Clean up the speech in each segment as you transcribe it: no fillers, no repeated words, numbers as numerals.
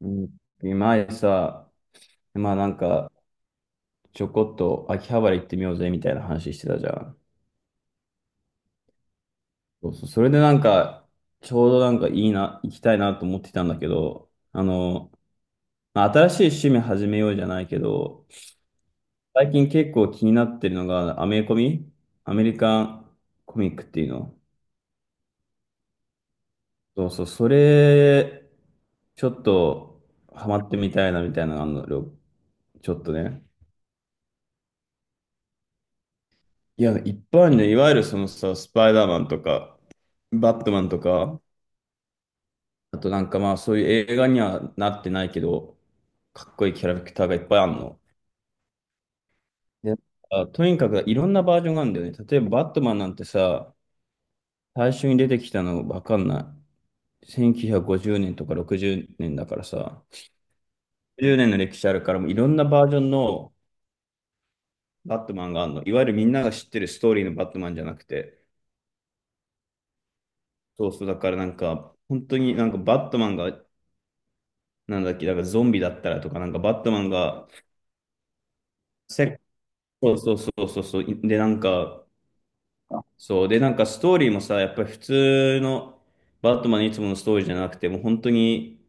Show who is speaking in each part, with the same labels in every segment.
Speaker 1: うん前さ、まあなんか、ちょこっと秋葉原行ってみようぜみたいな話してたじゃん。そうそう、それでなんか、ちょうどいいな、行きたいなと思ってたんだけど、まあ、新しい趣味始めようじゃないけど、最近結構気になってるのが、アメリカンコミックっていうの。そうそう、それ、ちょっとハマってみたいなみたいなのがあるの、ちょっとね。いや、いっぱいあるね。いわゆるそのさ、スパイダーマンとか、バットマンとか、あとそういう映画にはなってないけど、かっこいいキャラクターがいっぱいあるの。で、とにかくいろんなバージョンがあるんだよね。例えばバットマンなんてさ、最初に出てきたのわかんない。1950年とか60年だからさ、10年の歴史あるからもういろんなバージョンのバットマンがあるの。いわゆるみんなが知ってるストーリーのバットマンじゃなくて、そうそう、だからなんか、本当にバットマンがなんだっけ、だからゾンビだったらとか、なんかバットマンが、せそうそうそうそうそう、で、なんか、そう、で、なんかストーリーもさ、やっぱり普通のバットマンのいつものストーリーじゃなくて、もう本当に、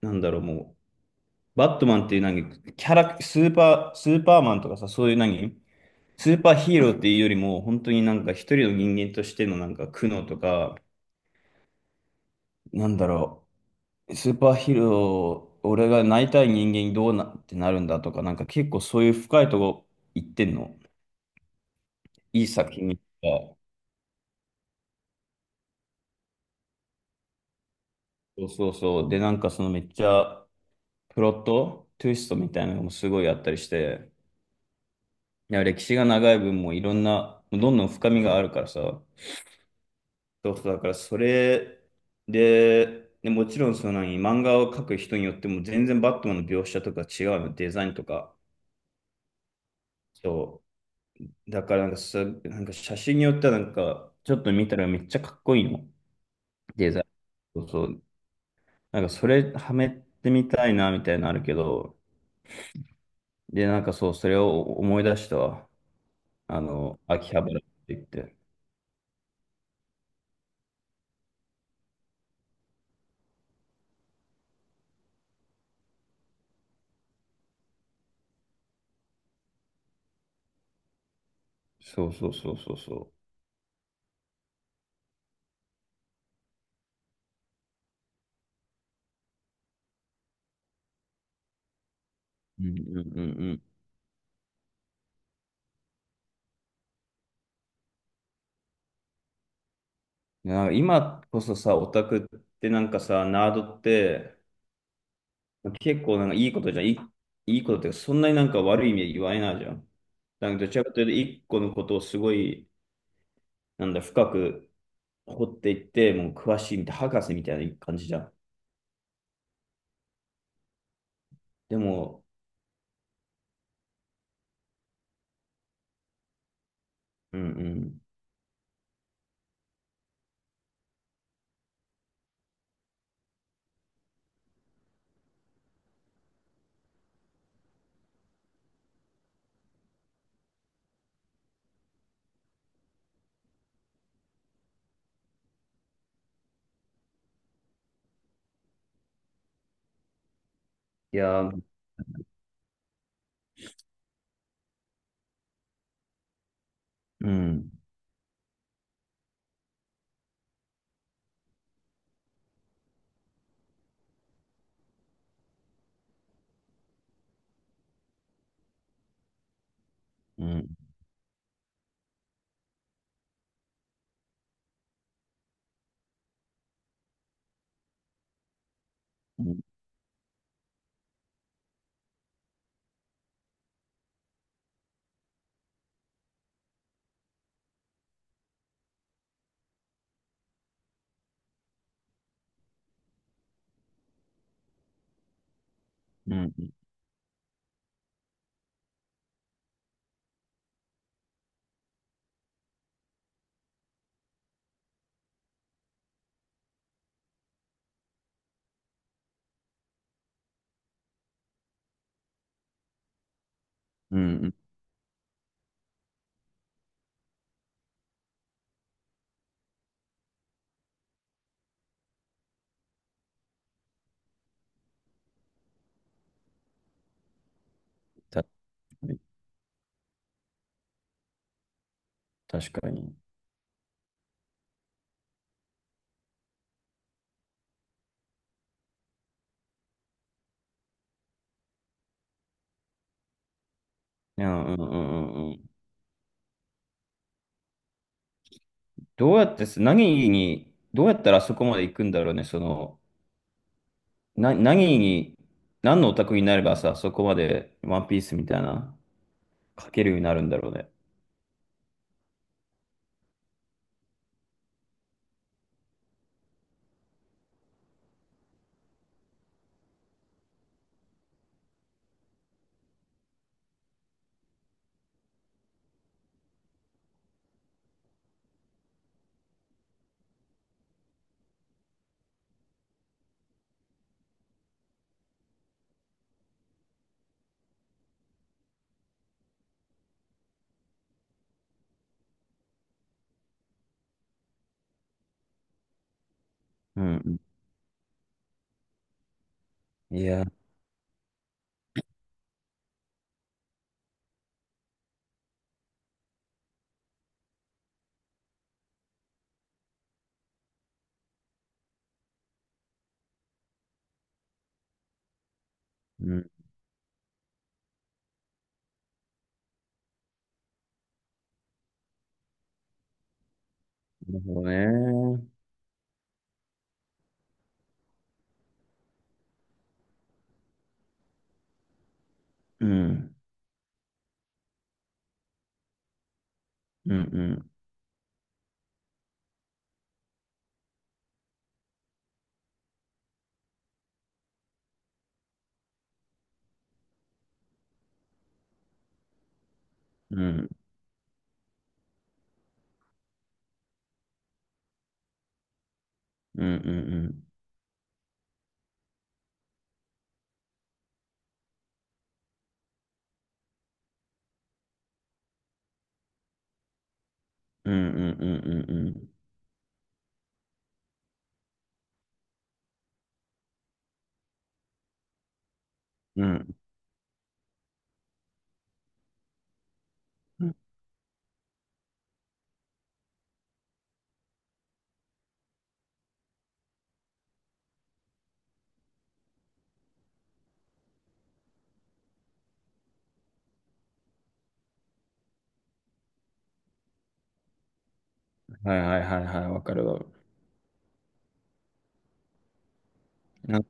Speaker 1: なんだろう、もう、バットマンっていう何、キャラ、スーパー、スーパーマンとかさ、そういう何、スーパーヒーローっていうよりも、本当に一人の人間としての苦悩とか、なんだろう、スーパーヒーロー、俺がなりたい人間にどうなってなるんだとか、なんか結構そういう深いとこ行ってんの。いい作品が。そうそうそう。で、そのめっちゃプロット、トゥイストみたいなのもすごいあったりして、いや、歴史が長い分もういろんな、もうどんどん深みがあるからさ。そうそう、だからそれで、で、もちろんその何、漫画を描く人によっても全然バットマンの描写とか違うの、デザインとか。そう。だからなんかさ、なんか写真によってはちょっと見たらめっちゃかっこいいの。デザイン。そうそう。それはめてみたいなみたいなのあるけど、で、なんかそう、それを思い出したわ。あの、秋葉原って言って。そうそうそうそうそう。うんうんうんうん。なんか今こそさ、オタクってなんかさ、ナードって結構いいことじゃん。いいことっていうか、そんなに悪い意味で言われないじゃん。どちらかというと、一個のことをすごい、なんだ、深く掘っていって、もう詳しいみたい、博士みたいな感じじゃん。でも、うんうん。いやー、うん、うん、うん、うん、うん、うん、確かに。確かに。いや、うん、うん、うん。うん、どうやったらそこまで行くんだろうね、その、な、何に、何のオタクになればさ、そこまでワンピースみたいな、書けるようになるんだろうね。うんうん。いや、うん、なるほどね。うん、うん、うん、うん、うん。うんうんうん。うんうんうんうんうん。うん。はいはいはいはい、わかるわ。なんか、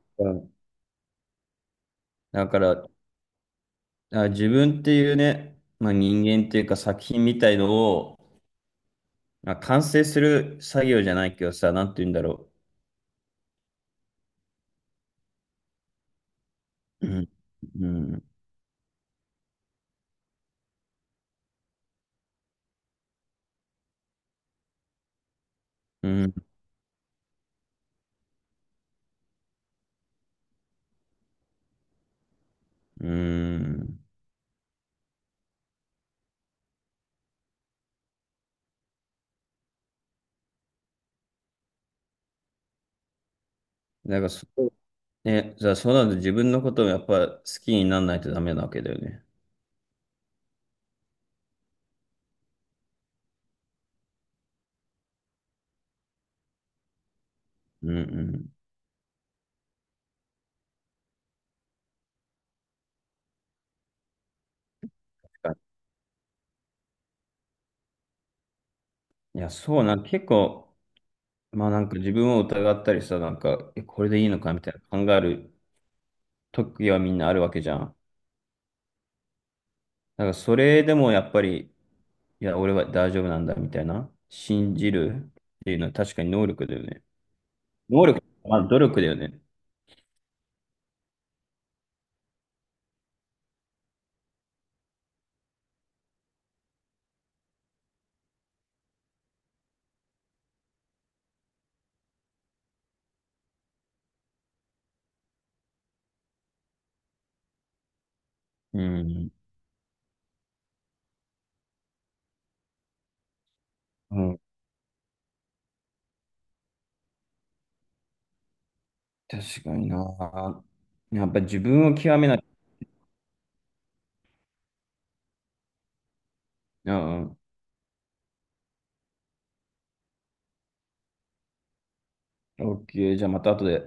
Speaker 1: だから、あ、自分っていうね、まあ、人間っていうか作品みたいのを、まあ、完成する作業じゃないけどさ、なんて言うんだろう。うん。うん。うん。うん、だからそこ、ね、じゃあそうなると自分のことをやっぱ好きにならないとダメなわけだよね。うんうん。いや、そうな、結構、自分を疑ったりさ、え、これでいいのかみたいな考える時はみんなあるわけじゃん。だからそれでもやっぱり、いや、俺は大丈夫なんだみたいな、信じるっていうのは確かに能力だよね。能力、まあ努力だよね。うん。うん。確かにな。やっぱ自分を極めなきゃ。うんうん。OK。じゃあまた後で。